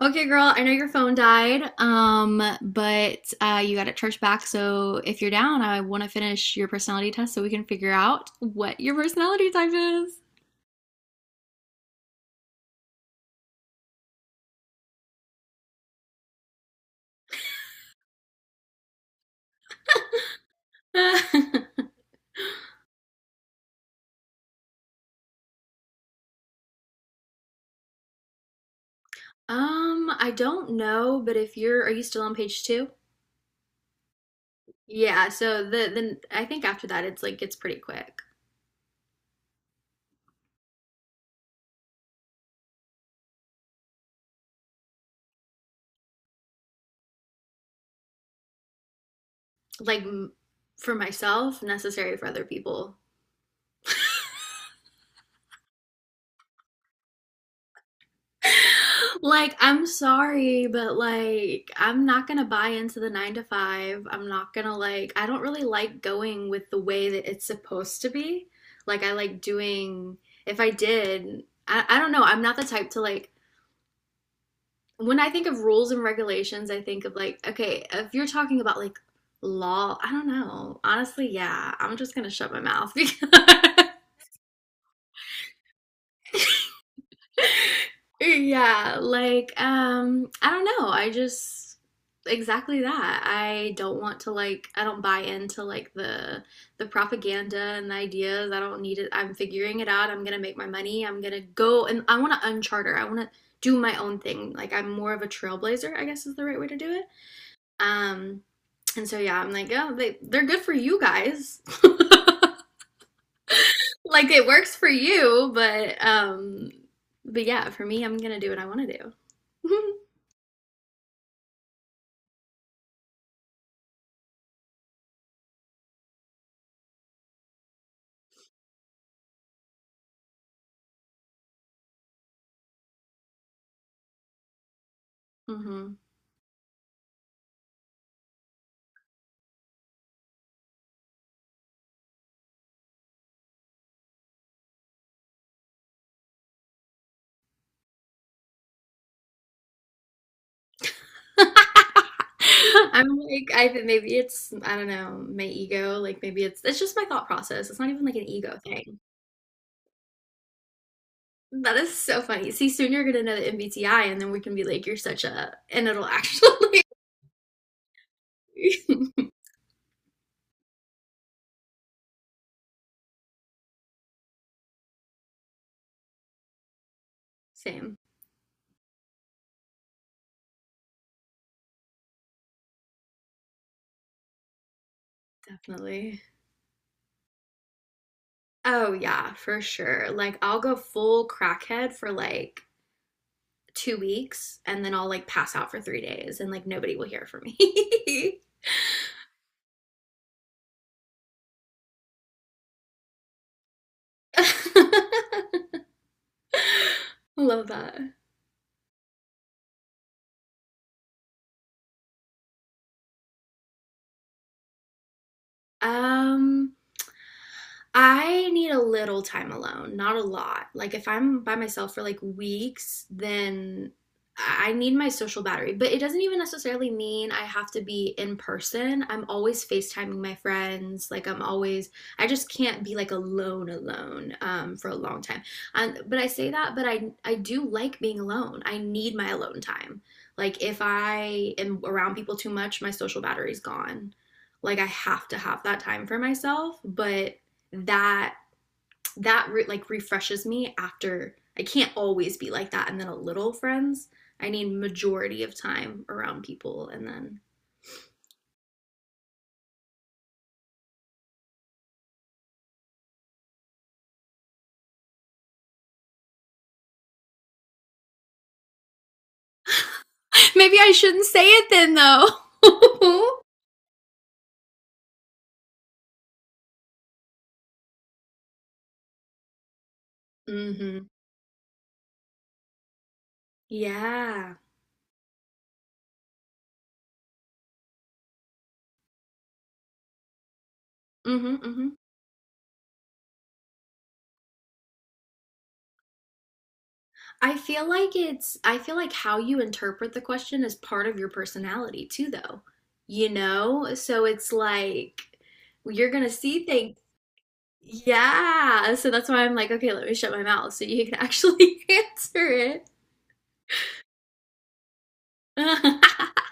Okay, girl, I know your phone died, but you got it charged back. So if you're down, I want to finish your personality test so we can figure out what your personality type is. I don't know, but if you're, are you still on page two? Yeah, so then I think after that it's pretty quick. Like m- for myself, necessary for other people. Like, I'm sorry, but like, I'm not gonna buy into the nine to five. I'm not gonna like, I don't really like going with the way that it's supposed to be. Like, I like doing, if I did, I don't know. I'm not the type to like, when I think of rules and regulations, I think of like, okay, if you're talking about like law, I don't know. Honestly, yeah, I'm just gonna shut my mouth because Yeah, like I don't know. I just Exactly that. I don't want to like I don't buy into like the propaganda and the ideas. I don't need it. I'm figuring it out. I'm gonna make my money. I'm gonna go and I want to uncharter. I want to do my own thing. Like I'm more of a trailblazer, I guess is the right way to do it. Um and so yeah, I'm like, "Oh, they're good for you guys." Like it works for you, but but yeah, for me, I'm gonna do what I want to do. Hmm. I'm like, I think maybe it's, I don't know, my ego. Like maybe it's just my thought process. It's not even like an ego thing. That is so funny. See, soon you're gonna know the MBTI, and then we can be like, you're such a, and it'll actually same, definitely. Oh yeah, for sure. Like I'll go full crackhead for like 2 weeks, and then I'll like pass out for 3 days, and like nobody will hear from me. Love that. Um. I need a little time alone, not a lot. Like if I'm by myself for like weeks, then I need my social battery. But it doesn't even necessarily mean I have to be in person. I'm always FaceTiming my friends. Like I'm always I just can't be like alone alone, for a long time. But I say that, but I do like being alone. I need my alone time. Like if I am around people too much, my social battery's gone. Like I have to have that time for myself, but that like refreshes me after I can't always be like that and then a little friends. I need majority of time around people and then maybe I shouldn't say it then though. Mm-hmm. Yeah. Mm-hmm, mm-hmm. I feel like it's I feel like how you interpret the question is part of your personality too though. You know? So it's like you're going to see things. Yeah, so that's why I'm like, okay, let me shut my mouth so you can actually answer it.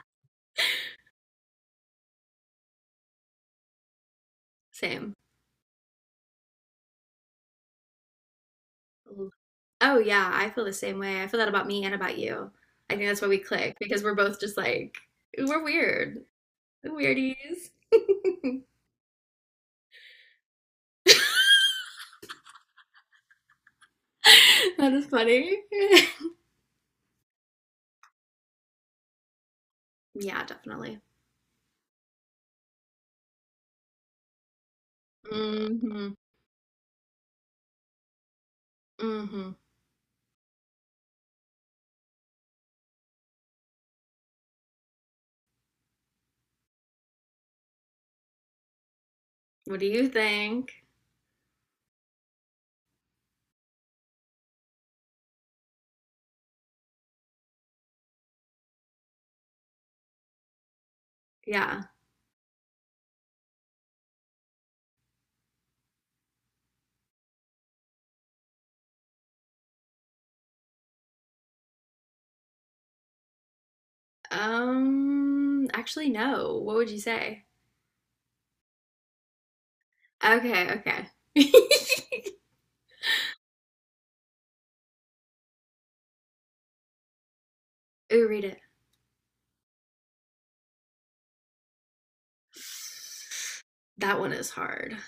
Same. Oh yeah, I feel the same way. I feel that about me and about you. I think that's why we click because we're both just like we're weird. Weirdies. That is funny. Yeah, definitely. Hmm. Hmm. What do you think? Yeah. Actually, no. What would you say? Okay, okay. Ooh, read it. That one is hard.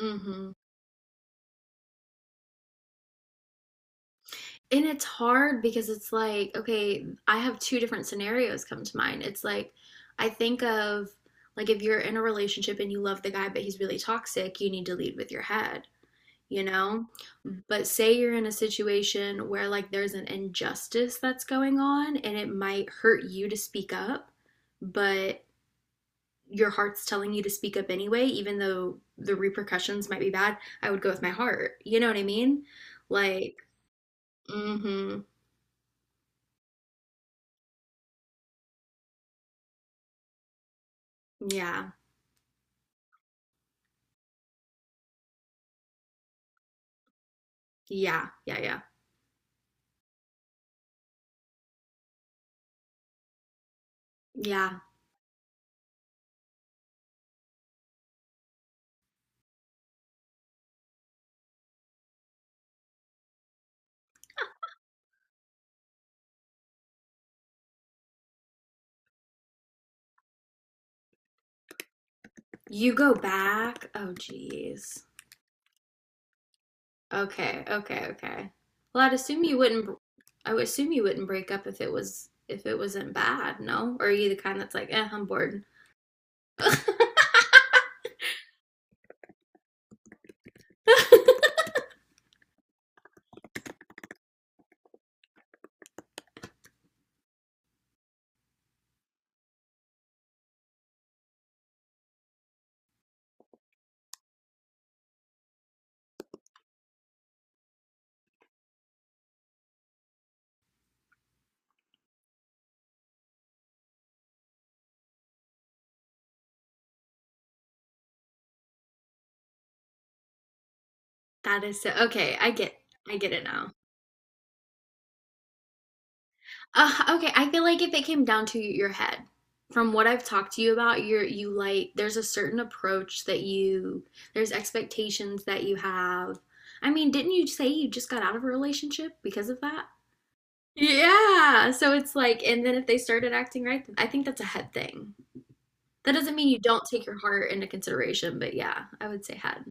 Mm-hmm. And it's hard because it's like, okay, I have two different scenarios come to mind. It's like, I think of like if you're in a relationship and you love the guy, but he's really toxic, you need to lead with your head, you know? But say you're in a situation where like there's an injustice that's going on and it might hurt you to speak up, but your heart's telling you to speak up anyway, even though the repercussions might be bad, I would go with my heart. You know what I mean? Like, mm-hmm. Yeah. Yeah. Yeah. Yeah. Yeah. You go back. Oh, geez. Okay. Okay. Okay. Well, I'd assume you wouldn't, I would assume you wouldn't break up if it was, if it wasn't bad, no? Or are you the kind that's like, eh, I'm bored. That is so, okay. I get it now. Okay, I feel like if it came down to your head, from what I've talked to you about, you like there's a certain approach that you there's expectations that you have. I mean, didn't you say you just got out of a relationship because of that? Yeah. So it's like, and then if they started acting right, I think that's a head thing. That doesn't mean you don't take your heart into consideration, but yeah, I would say head.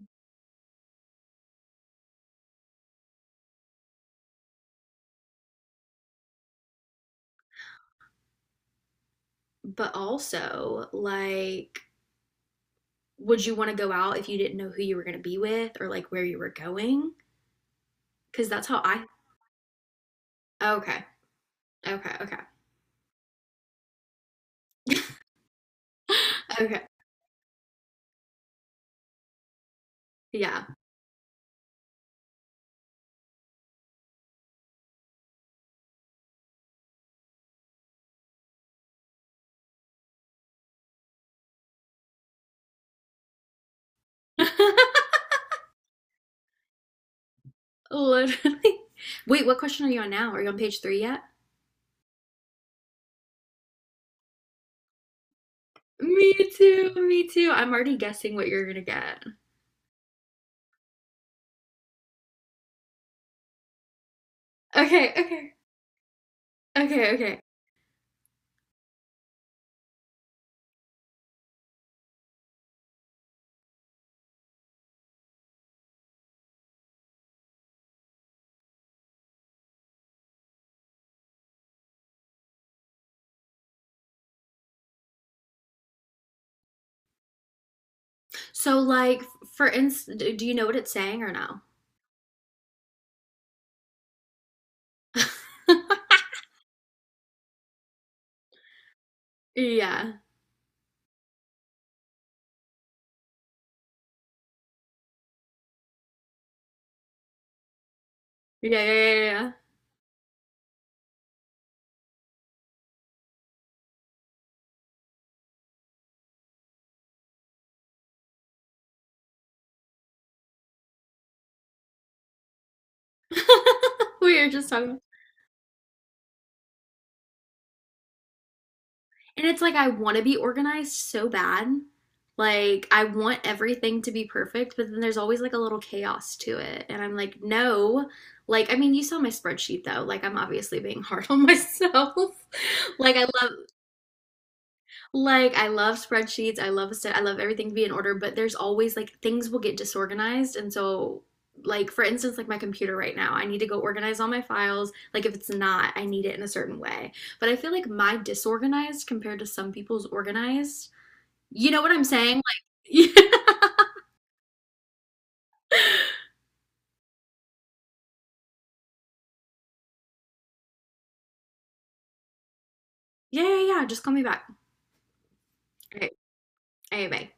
But also, like, would you want to go out if you didn't know who you were going to be with or like where you were going? Because that's how I okay. Okay. Okay. Okay. Yeah. Literally. Wait, what question are you on now? Are you on page three yet? Me too. Me too. I'm already guessing what you're gonna get. Okay. Okay. Okay. Okay. So, like, for instance, do you know what it's saying or no? Yeah. Yeah. Yeah. Yeah. Yeah. We were just talking about. And it's like I want to be organized so bad. Like I want everything to be perfect, but then there's always like a little chaos to it. And I'm like, no. Like I mean, you saw my spreadsheet though. Like I'm obviously being hard on myself. Like I love like, I love spreadsheets. I love a set. I love everything to be in order, but there's always like things will get disorganized. And so, like, for instance, like my computer right now, I need to go organize all my files. Like, if it's not, I need it in a certain way. But I feel like my disorganized compared to some people's organized, you know what I'm saying? Like, yeah, yeah, yeah. Just call me back. All right. All right, bye.